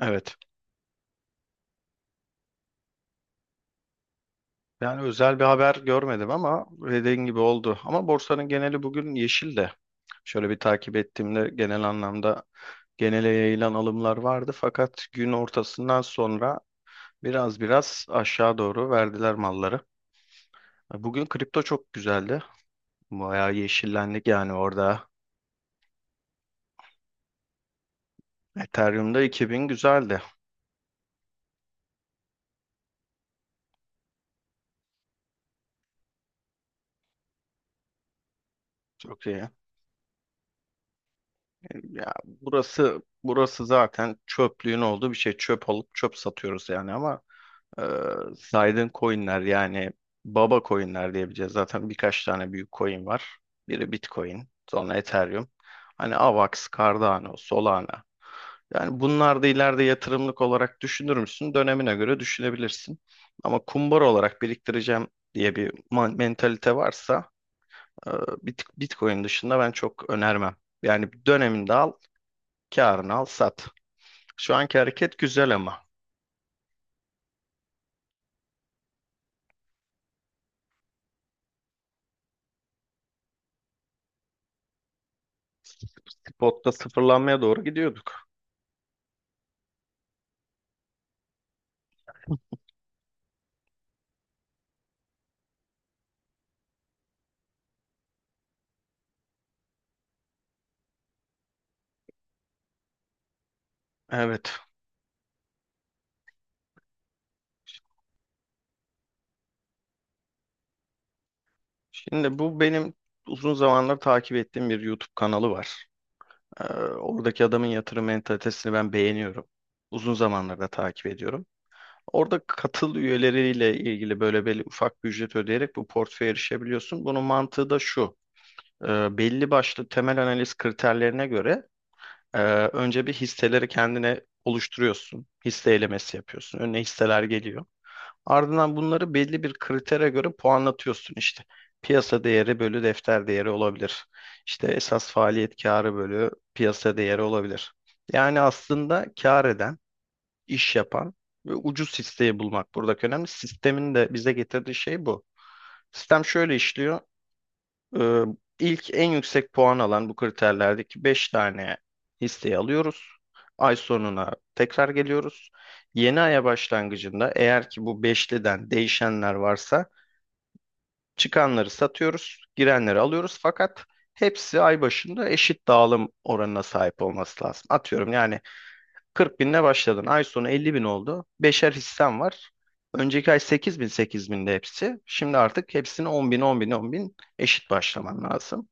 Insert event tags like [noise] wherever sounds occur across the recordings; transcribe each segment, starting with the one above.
Evet. Yani özel bir haber görmedim ama dediğin gibi oldu. Ama borsanın geneli bugün yeşil de. Şöyle bir takip ettiğimde genel anlamda genele yayılan alımlar vardı. Fakat gün ortasından sonra biraz biraz aşağı doğru verdiler malları. Bugün kripto çok güzeldi. Bayağı yeşillendik yani orada. Ethereum'da 2000 güzeldi. Çok iyi. Ya burası zaten çöplüğün olduğu bir şey. Çöp alıp çöp satıyoruz yani ama Ee, saydığın coinler yani baba coinler diyebileceğiz. Zaten birkaç tane büyük coin var. Biri Bitcoin, sonra Ethereum. Hani AVAX, Cardano, Solana. Yani bunlar da ileride yatırımlık olarak düşünür müsün? Dönemine göre düşünebilirsin. Ama kumbar olarak biriktireceğim diye bir mentalite varsa e, Bitcoin dışında ben çok önermem. Yani döneminde al, karını al, sat. Şu anki hareket güzel ama. Spot'ta sıfırlanmaya doğru gidiyorduk. Evet. Şimdi bu benim uzun zamanlar takip ettiğim bir YouTube kanalı var. Oradaki adamın yatırım mentalitesini ben beğeniyorum. Uzun zamandır da takip ediyorum. Orada katıl üyeleriyle ilgili böyle belli ufak bir ücret ödeyerek bu portföye erişebiliyorsun. Bunun mantığı da şu. Belli başlı temel analiz kriterlerine göre e, önce bir hisseleri kendine oluşturuyorsun. Hisse elemesi yapıyorsun. Önüne hisseler geliyor. Ardından bunları belli bir kritere göre puanlatıyorsun işte. Piyasa değeri bölü defter değeri olabilir. İşte esas faaliyet karı bölü piyasa değeri olabilir. Yani aslında kar eden, iş yapan ve ucuz hisseyi bulmak buradaki önemli. Sistemin de bize getirdiği şey bu. Sistem şöyle işliyor. Ee, ilk en yüksek puan alan bu kriterlerdeki 5 tane listeyi alıyoruz. Ay sonuna tekrar geliyoruz. Yeni aya başlangıcında eğer ki bu beşliden değişenler varsa çıkanları satıyoruz, girenleri alıyoruz. Fakat hepsi ay başında eşit dağılım oranına sahip olması lazım. Atıyorum yani 40 binle başladın. Ay sonu 50 bin oldu. Beşer hissen var. Önceki ay 8 bin 8 binde hepsi. Şimdi artık hepsini 10 bin 10 bin 10 bin eşit başlaman lazım.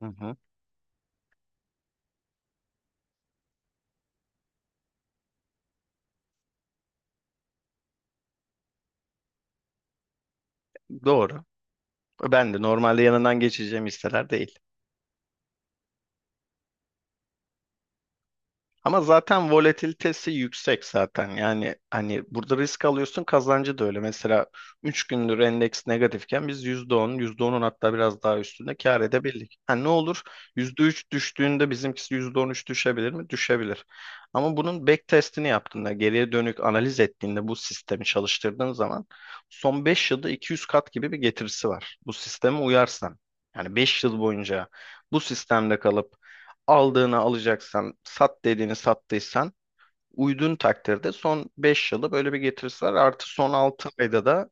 Hı hı. Doğru. Ben de normalde yanından geçeceğim hisseler değil. Ama zaten volatilitesi yüksek zaten. Yani hani burada risk alıyorsun kazancı da öyle. Mesela 3 gündür endeks negatifken biz %10 yüzde onun hatta biraz daha üstünde kâr edebildik. Ha ne olur? %3 düştüğünde bizimkisi %13 düşebilir mi? Düşebilir. Ama bunun back testini yaptığında, geriye dönük analiz ettiğinde bu sistemi çalıştırdığın zaman son 5 yılda 200 kat gibi bir getirisi var. Bu sisteme uyarsan. Yani 5 yıl boyunca bu sistemde kalıp aldığını alacaksan, sat dediğini sattıysan uydun takdirde son 5 yılı böyle bir getirisi var. Artı son 6 ayda da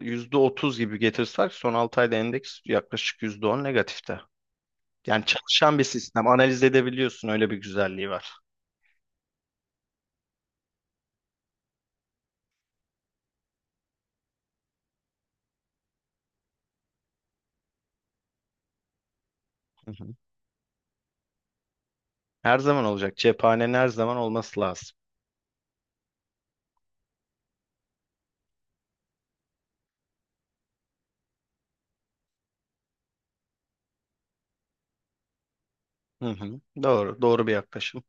e, %30 gibi getirisi var. Son 6 ayda endeks yaklaşık %10 negatifte. Yani çalışan bir sistem. Analiz edebiliyorsun. Öyle bir güzelliği var. Hı hı. Her zaman olacak. Cephanenin her zaman olması lazım. Hı hı. Doğru. Doğru bir yaklaşım.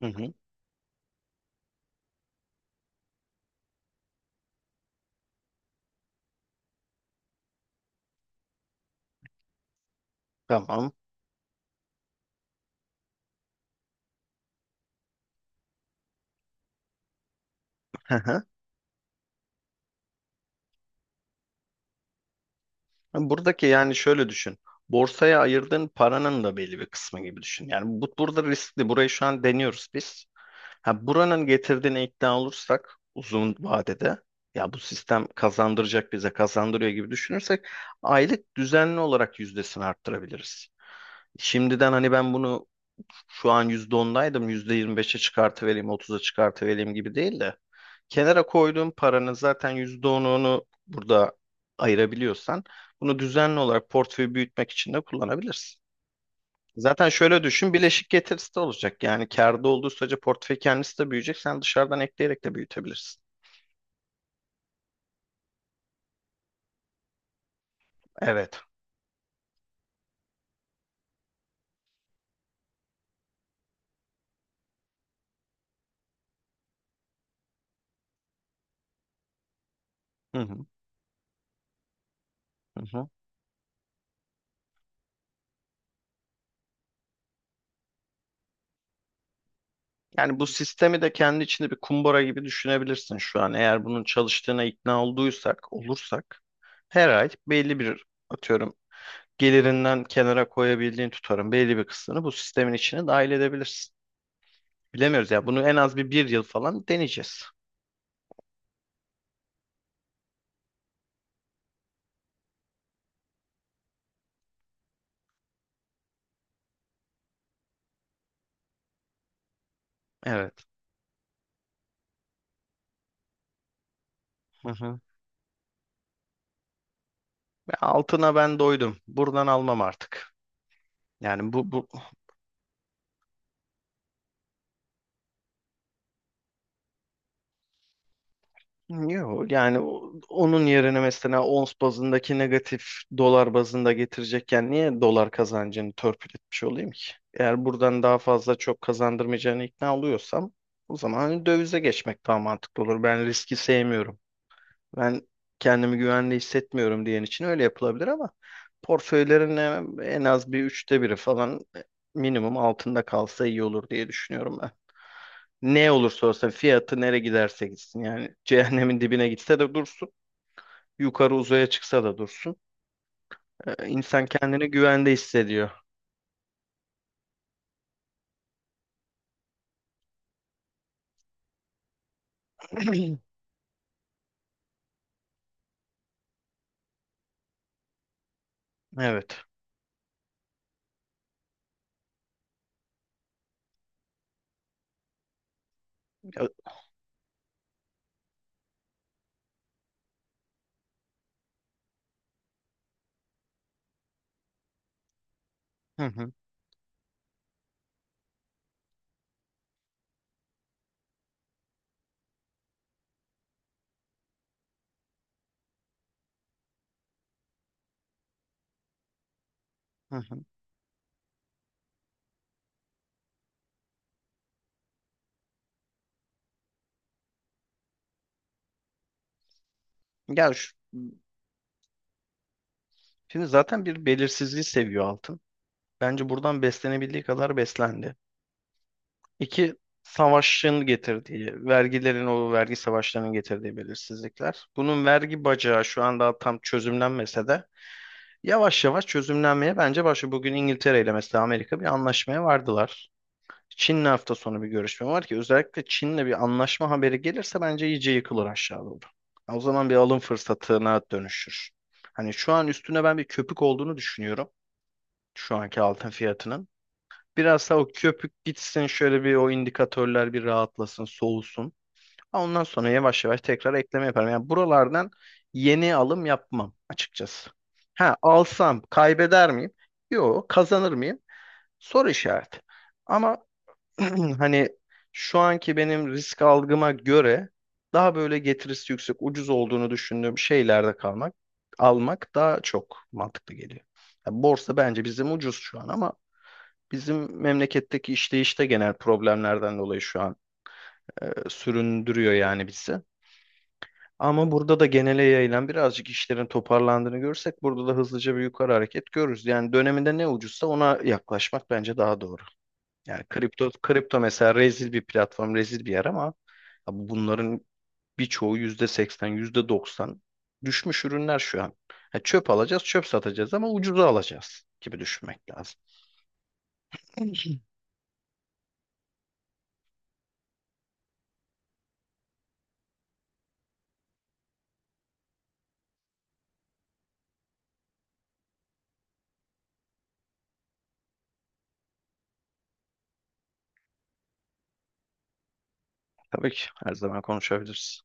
Hı hı. Tamam. [laughs] Yani buradaki yani şöyle düşün. Borsaya ayırdığın paranın da belli bir kısmı gibi düşün. Yani bu burada riskli. Burayı şu an deniyoruz biz. Ha, buranın getirdiğine ikna olursak uzun vadede ya bu sistem kazandıracak bize kazandırıyor gibi düşünürsek aylık düzenli olarak yüzdesini arttırabiliriz. Şimdiden hani ben bunu şu an %10'daydım, %25'e çıkartıvereyim, 30'a çıkartıvereyim gibi değil de kenara koyduğun paranın zaten %10'unu burada ayırabiliyorsan bunu düzenli olarak portföyü büyütmek için de kullanabilirsin. Zaten şöyle düşün, bileşik getirisi de olacak. Yani kârda olduğu sürece portföy kendisi de büyüyecek. Sen dışarıdan ekleyerek de büyütebilirsin. Evet. Hı hı, hı hı. Yani bu sistemi de kendi içinde bir kumbara gibi düşünebilirsin şu an. Eğer bunun çalıştığına ikna olduysak, olursak her ay belli bir atıyorum gelirinden kenara koyabildiğin tutarın belli bir kısmını bu sistemin içine dahil edebilirsin. Bilemiyoruz ya. Bunu en az bir yıl falan deneyeceğiz. Evet. Hı hı. Ve altına ben doydum. Buradan almam artık. Yani bu yok yani onun yerine mesela ons bazındaki negatif dolar bazında getirecekken niye dolar kazancını törpületmiş olayım ki? Eğer buradan daha fazla çok kazandırmayacağını ikna oluyorsam o zaman hani dövize geçmek daha mantıklı olur. Ben riski sevmiyorum. Ben kendimi güvende hissetmiyorum diyen için öyle yapılabilir ama portföylerin en az bir üçte biri falan minimum altında kalsa iyi olur diye düşünüyorum ben. Ne olursa olsun fiyatı nereye giderse gitsin yani [laughs] cehennemin dibine gitse de dursun. Yukarı uzaya çıksa da dursun. İnsan kendini güvende hissediyor. [clears throat] Evet. Ya- Hı hı, hı hı. Ya şu- Şimdi zaten bir belirsizliği seviyor altın. Bence buradan beslenebildiği kadar beslendi. İki, savaşın getirdiği, vergilerin o vergi savaşlarının getirdiği belirsizlikler. Bunun vergi bacağı şu an daha tam çözümlenmese de yavaş yavaş çözümlenmeye bence başlıyor. Bugün İngiltere ile mesela Amerika bir anlaşmaya vardılar. Çin'le hafta sonu bir görüşme var ki özellikle Çin'le bir anlaşma haberi gelirse bence iyice yıkılır aşağı doğru. O zaman bir alım fırsatına dönüşür. Hani şu an üstüne ben bir köpük olduğunu düşünüyorum şu anki altın fiyatının. Biraz daha o köpük gitsin şöyle bir o indikatörler bir rahatlasın, soğusun. Ha, ondan sonra yavaş yavaş tekrar ekleme yaparım. Yani buralardan yeni alım yapmam açıkçası. Ha alsam kaybeder miyim? Yok, kazanır mıyım? Soru işareti. Ama [clears throat] hani şu anki benim risk algıma göre daha böyle getirisi yüksek, ucuz olduğunu düşündüğüm şeylerde kalmak, almak daha çok mantıklı geliyor. Ya borsa bence bizim ucuz şu an ama bizim memleketteki işleyişte genel problemlerden dolayı şu an süründürüyor yani bizi. Ama burada da genele yayılan birazcık işlerin toparlandığını görsek burada da hızlıca bir yukarı hareket görürüz. Yani döneminde ne ucuzsa ona yaklaşmak bence daha doğru. Yani kripto mesela rezil bir platform, rezil bir yer ama abi bunların birçoğu %80, yüzde doksan düşmüş ürünler şu an. Ha, çöp alacağız, çöp satacağız ama ucuza alacağız gibi düşünmek lazım. Tabii ki her zaman konuşabiliriz.